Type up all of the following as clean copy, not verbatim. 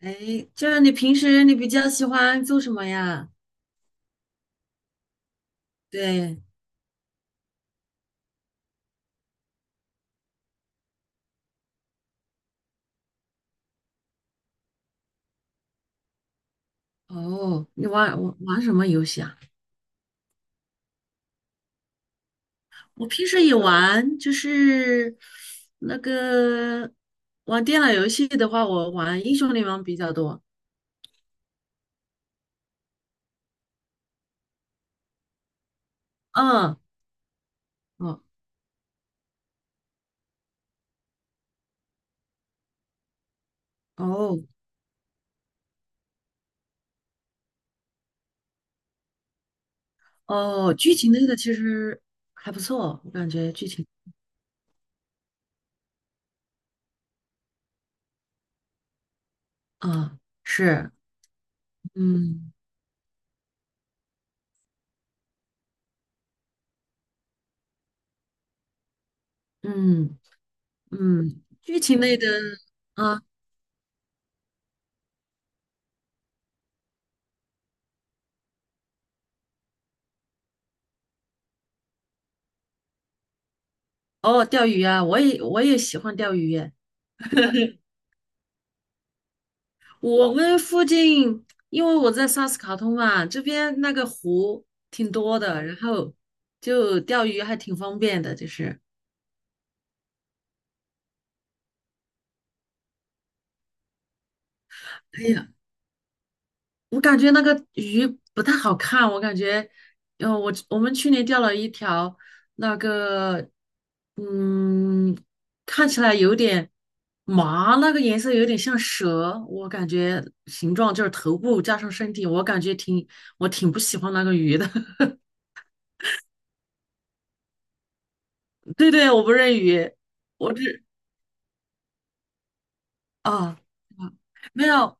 哎，就是你平时比较喜欢做什么呀？对，哦，你玩什么游戏啊？我平时也玩，就是那个玩电脑游戏的话，我玩英雄联盟比较多。嗯，哦哦哦，剧情类的其实还不错，我感觉剧情啊，是，嗯嗯嗯，剧情类的啊。哦，钓鱼啊，我也喜欢钓鱼。我们附近，因为我在萨斯卡通嘛，这边那个湖挺多的，然后就钓鱼还挺方便的。就是，哎呀，我感觉那个鱼不太好看，我感觉，我们去年钓了一条那个，嗯，看起来有点麻，那个颜色有点像蛇，我感觉形状就是头部加上身体，我感觉我挺不喜欢那个鱼的。对对，我不认鱼。我只啊，啊没有，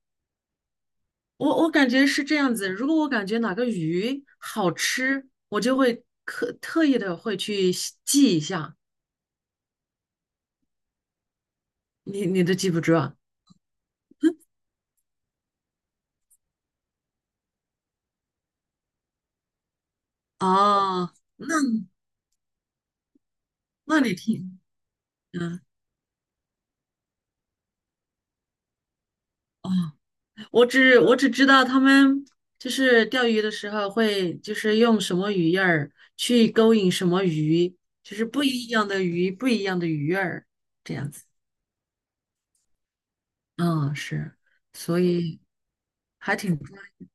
我感觉是这样子。如果我感觉哪个鱼好吃，我就会特意的会去记一下。你都记不住啊？哦，那嗯，哦，我只知道他们就是钓鱼的时候会就是用什么鱼饵儿去勾引什么鱼，就是不一样的鱼，不一样的鱼饵儿这样子。嗯，是，所以还挺专业。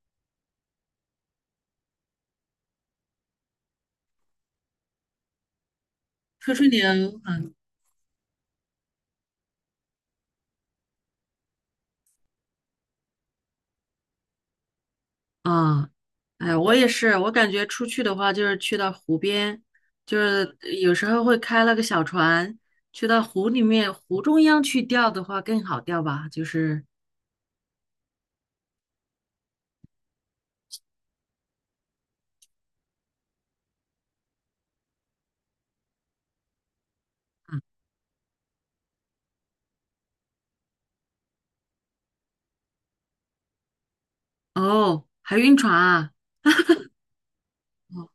吹吹牛，啊。啊，哎，我也是，我感觉出去的话，就是去到湖边，就是有时候会开了个小船，去到湖里面，湖中央去钓的话更好钓吧。就是，嗯，哦，还晕船啊，哦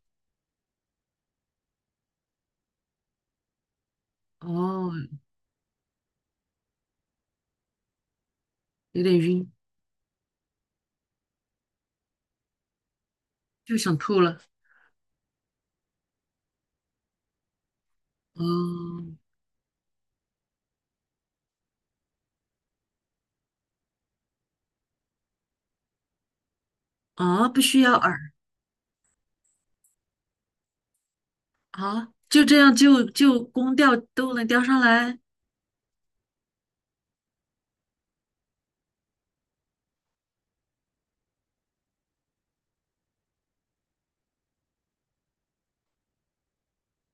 哦，有点晕，就想吐了。哦，啊，不需要饵啊，就这样就光钓都能钓上来。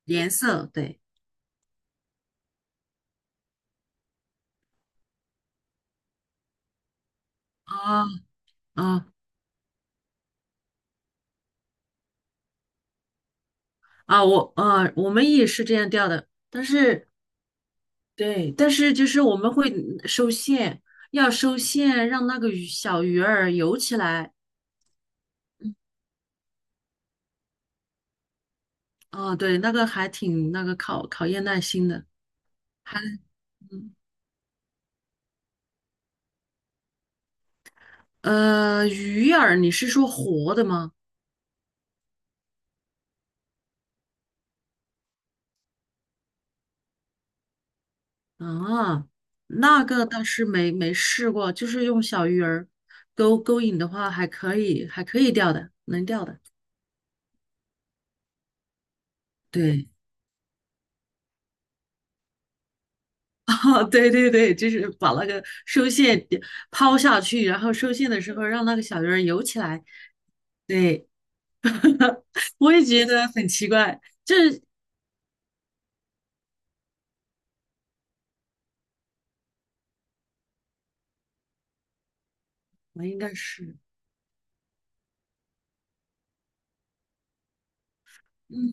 颜色对，啊啊啊，我们也是这样钓的。但是对，但是就是我们会收线，要收线，让那个鱼小鱼儿游起来。啊，对，那个还挺那个考验耐心的。还嗯鱼饵你是说活的吗？啊，那个倒是没试过，就是用小鱼儿勾引的话，还可以，还可以钓的，能钓的。对，啊，对对对，就是把那个收线点抛下去，然后收线的时候让那个小鱼儿游起来。对。我也觉得很奇怪。就是我应该是，嗯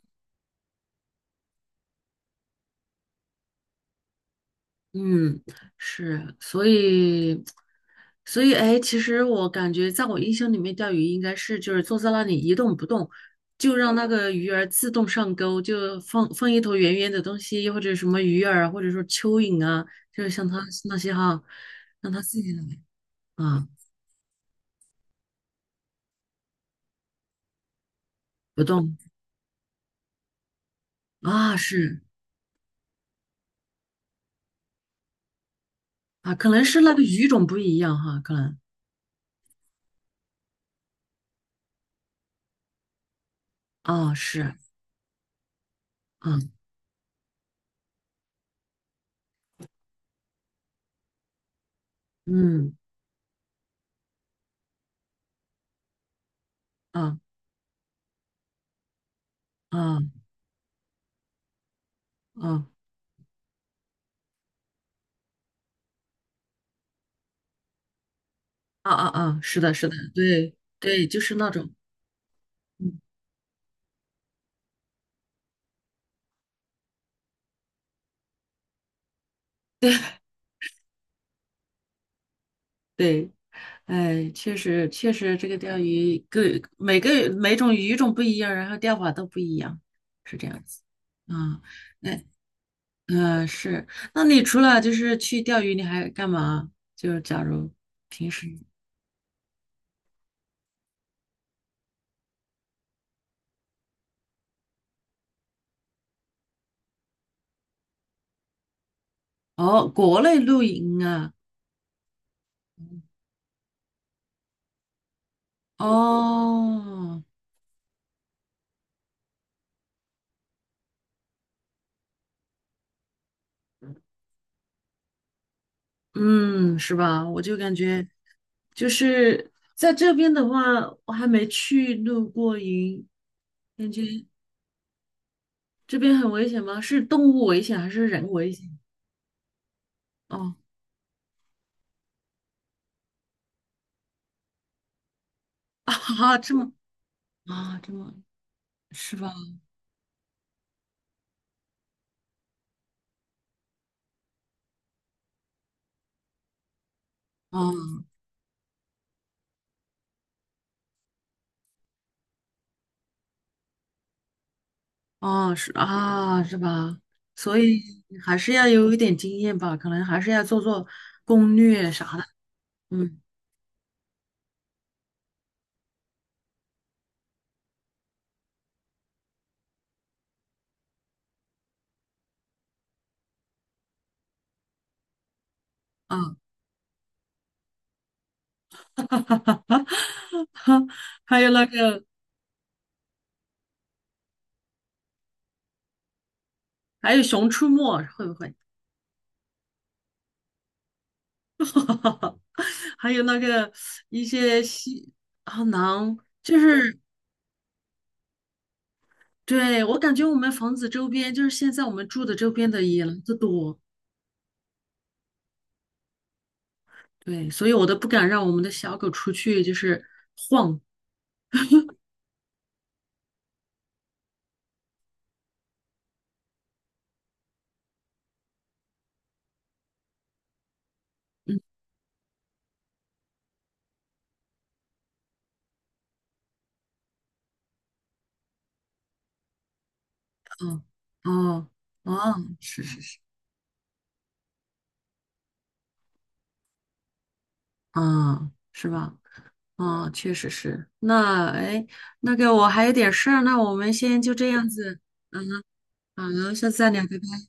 嗯，是，所以，哎，其实我感觉，在我印象里面，钓鱼应该是就是坐在那里一动不动，就让那个鱼儿自动上钩，就放一头圆圆的东西，或者什么鱼饵啊或者说蚯蚓啊，就是像它那些哈，让它自己来。啊，不动，啊，是啊，可能是那个鱼种不一样哈，可能啊，是啊，嗯。啊。嗯嗯，啊啊啊！是的，是的，对对，就是那种，嗯，对，哎，确实确实，这个钓鱼各每个每种鱼种不一样，然后钓法都不一样，是这样子。啊，那呃是，那你除了就是去钓鱼，你还干嘛？就是假如平时哦，国内露营啊，哦，嗯，是吧？我就感觉。就是在这边的话，我还没去露过营，感觉这边很危险吗？是动物危险还是人危险？哦，啊，这么是吧？啊啊，是啊，是吧？所以还是要有一点经验吧，可能还是要做做攻略啥的。嗯，啊，还有那个，还有《熊出没》，会不会？还有那个一些好囊，就是对我感觉我们房子周边，就是现在我们住的周边的野狼子多，对，所以我都不敢让我们的小狗出去，就是晃。嗯，哦哦哦，是是是，啊，是吧？啊，确实是。那哎，那个我还有点事儿，那我们先就这样子，嗯，好，下次再聊。拜拜。